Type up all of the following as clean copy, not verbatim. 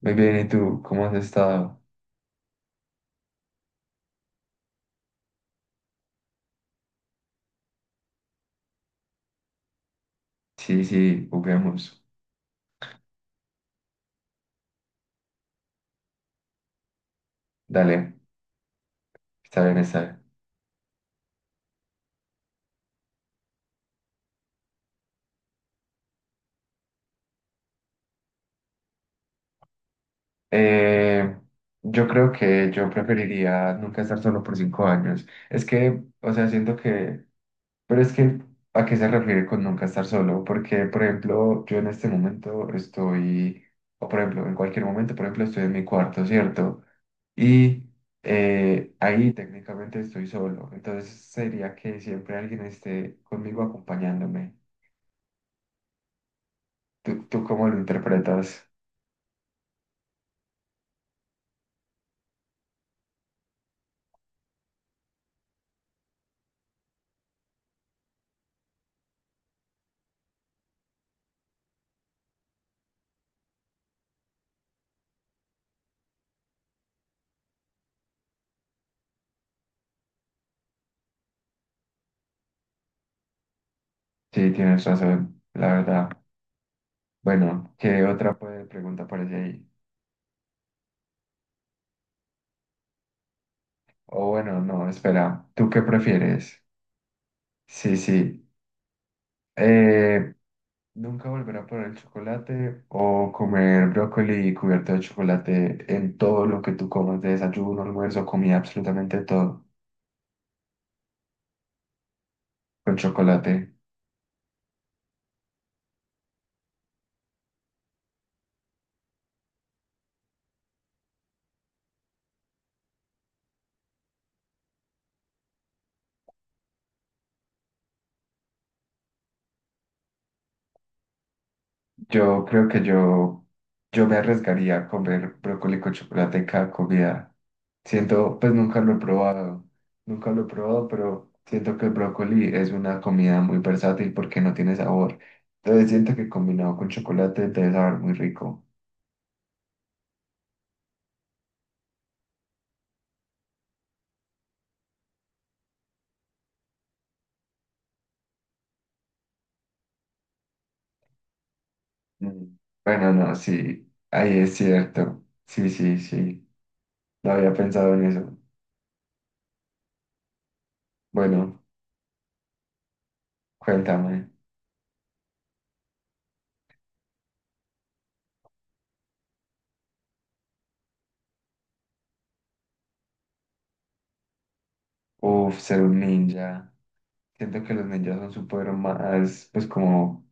Muy bien, ¿y tú? ¿Cómo has estado? Sí, sí, juguemos. Dale, está bien, está bien. Eh, yo creo que yo preferiría nunca estar solo por 5 años. Es que, o sea, siento que, pero es que, ¿a qué se refiere con nunca estar solo? Porque, por ejemplo, yo en este momento estoy, o por ejemplo, en cualquier momento, por ejemplo, estoy en mi cuarto, ¿cierto? Y ahí técnicamente estoy solo. Entonces sería que siempre alguien esté conmigo acompañándome. ¿Tú cómo lo interpretas? Sí, tienes razón, la verdad. Bueno, ¿qué otra pregunta aparece ahí? O bueno, no, espera, ¿tú qué prefieres? Sí, sí. Eh, ¿Nunca volver a poner el chocolate o comer brócoli cubierto de chocolate en todo lo que tú comas, de desayuno, almuerzo, comida, absolutamente todo con chocolate? Yo creo que yo me arriesgaría a comer brócoli con chocolate en cada comida. Siento, pues nunca lo he probado, nunca lo he probado, pero siento que el brócoli es una comida muy versátil porque no tiene sabor. Entonces siento que combinado con chocolate debe saber muy rico. Mm. Bueno, no, sí, ahí es cierto. Sí, sí, sí, no había pensado en eso. Bueno, cuéntame. Uf, ser un ninja. Siento que los ninjas son súper más, pues como,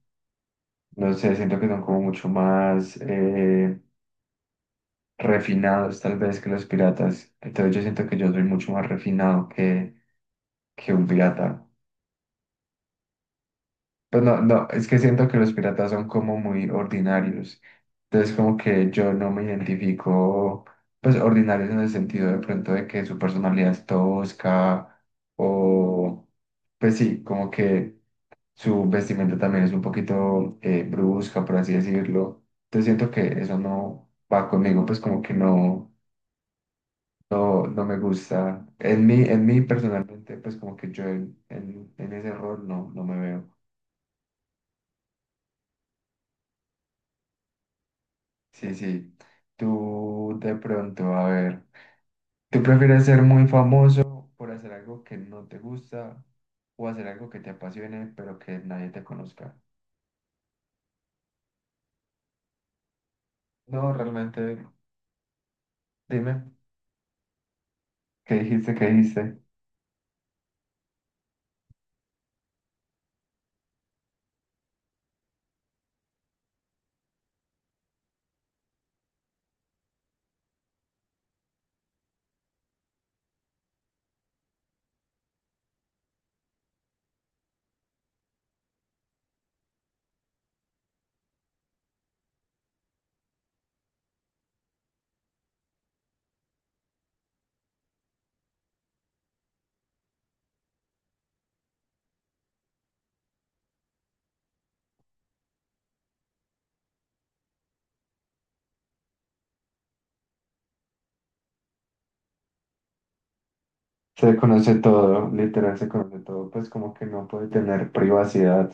no sé, siento que son como mucho más refinados tal vez que los piratas. Entonces yo siento que yo soy mucho más refinado que un pirata. Pues no, no, es que siento que los piratas son como muy ordinarios. Entonces como que yo no me identifico, pues ordinarios en el sentido de pronto de que su personalidad es tosca o pues sí, como que su vestimenta también es un poquito brusca, por así decirlo. Entonces siento que eso no va conmigo, pues como que no. No, no me gusta. En mí personalmente, pues como que yo en ese rol no, no me veo. Sí, sí. Tú de pronto, a ver, ¿tú prefieres ser muy famoso por hacer algo que no te gusta o hacer algo que te apasione pero que nadie te conozca? No, realmente, dime, ¿qué dijiste? ¿Qué dijiste? Se conoce todo, literal, se conoce todo, pues como que no puede tener privacidad.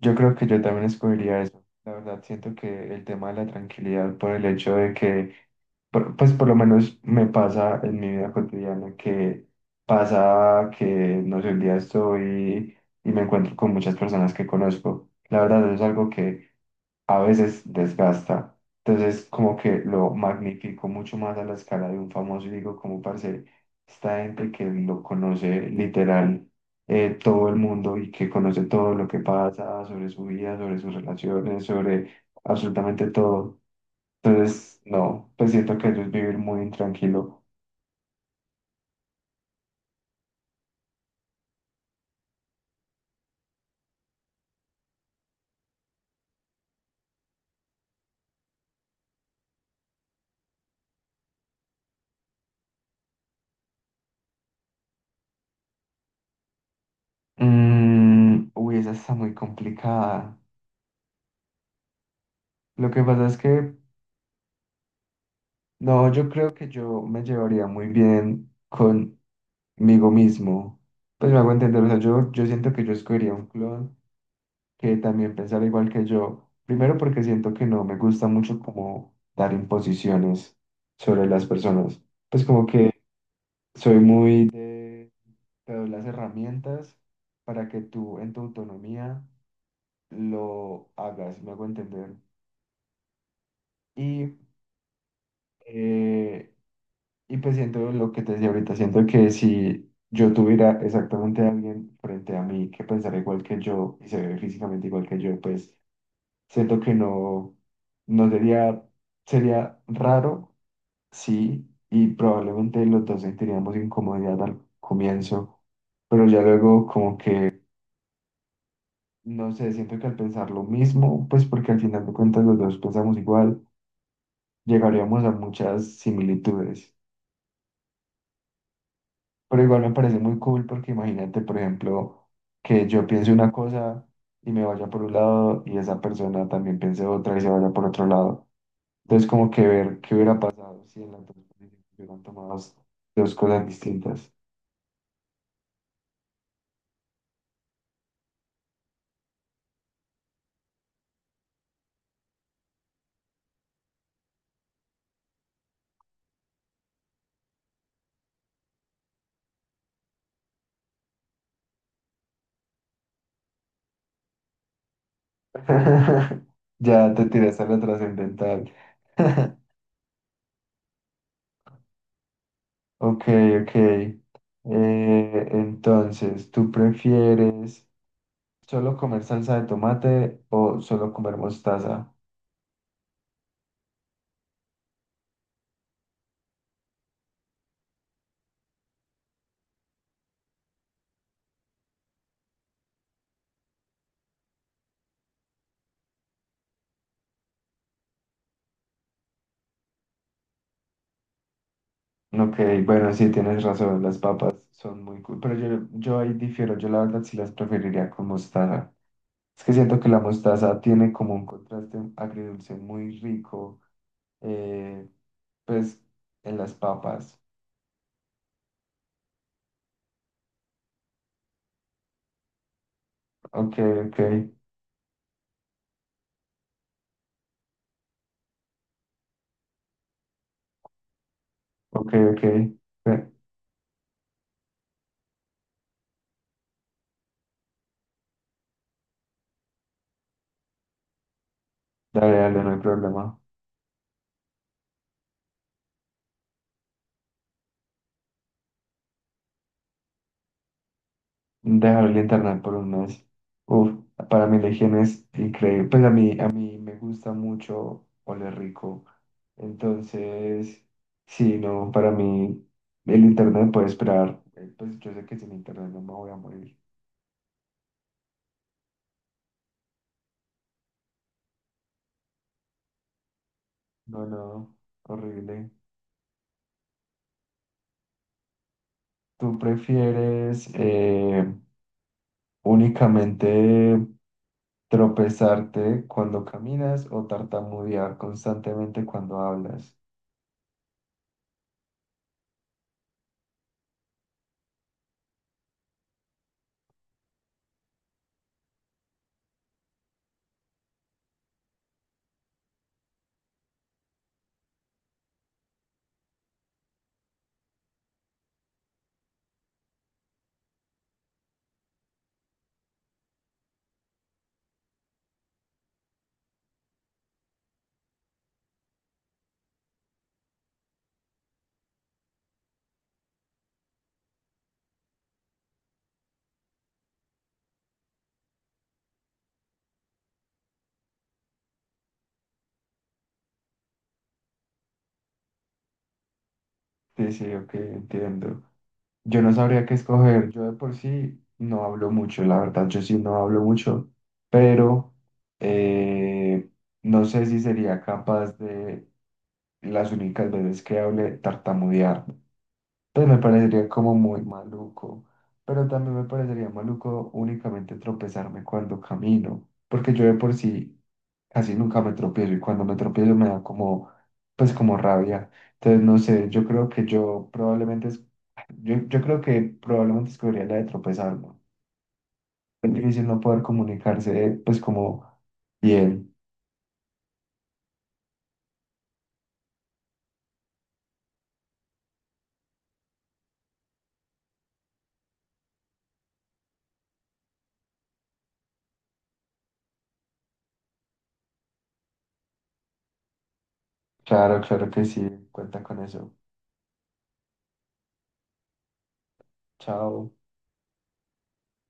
Yo creo que yo también escogería eso. La verdad, siento que el tema de la tranquilidad por el hecho de que, pues por lo menos me pasa en mi vida cotidiana, que pasa que, no sé, un día estoy y me encuentro con muchas personas que conozco. La verdad, eso es algo que a veces desgasta. Entonces, como que lo magnifico mucho más a la escala de un famoso y digo, como parce, esta gente que lo conoce literal todo el mundo y que conoce todo lo que pasa sobre su vida, sobre sus relaciones, sobre absolutamente todo. Entonces, no, pues siento que eso es vivir muy intranquilo. Mm, uy, esa está muy complicada. Lo que pasa es que, no, yo creo que yo me llevaría muy bien conmigo mismo. Pues me hago entender, o sea, yo siento que yo escogería un clon que también pensara igual que yo. Primero porque siento que no me gusta mucho como dar imposiciones sobre las personas. Pues como que soy muy de, te doy las herramientas para que tú en tu autonomía lo hagas, me hago entender. Y eh, Y pues siento lo que te decía ahorita, siento que si yo tuviera exactamente a alguien frente a mí que pensara igual que yo y se ve físicamente igual que yo, pues siento que no, no sería, sería raro, sí, y probablemente los dos sentiríamos incomodidad al comienzo, pero ya luego como que, no sé, siento que al pensar lo mismo, pues porque al final de cuentas los dos pensamos igual, llegaríamos a muchas similitudes. Pero igual me parece muy cool porque imagínate, por ejemplo, que yo piense una cosa y me vaya por un lado y esa persona también piense otra y se vaya por otro lado. Entonces, como que ver qué hubiera pasado si en la transposición hubieran tomado dos cosas distintas. Ya te tiraste a lo trascendental. Ok, ok. Entonces, ¿tú prefieres solo comer salsa de tomate o solo comer mostaza? Ok, bueno, sí, tienes razón, las papas son muy cool, pero yo ahí difiero, yo la verdad sí las preferiría con mostaza. Es que siento que la mostaza tiene como un contraste agridulce muy rico, eh, pues en las papas. Ok, ok, ok, ok. Dale, dale, no hay problema. Dejar el internet por un mes. Uf, para mí la higiene es increíble. Pues a mí me gusta mucho oler rico. Entonces, sí, no, para mí el internet puede esperar. Pues yo sé que sin internet no me voy a morir. No, no, horrible. ¿Tú prefieres únicamente tropezarte cuando caminas o tartamudear constantemente cuando hablas? Sí, sí, ok, entiendo. Yo no sabría qué escoger. Yo de por sí no hablo mucho, la verdad, yo sí no hablo mucho, pero eh, no sé si sería capaz de las únicas veces que hable tartamudear. Pues me parecería como muy maluco, pero también me parecería maluco únicamente tropezarme cuando camino, porque yo de por sí casi nunca me tropiezo y cuando me tropiezo me da como, pues como rabia. Entonces, no sé, yo creo que yo probablemente, yo creo que probablemente escogería la de tropezarme. Es difícil no poder comunicarse, pues como bien. Claro, claro que sí, cuenta con eso. Chao.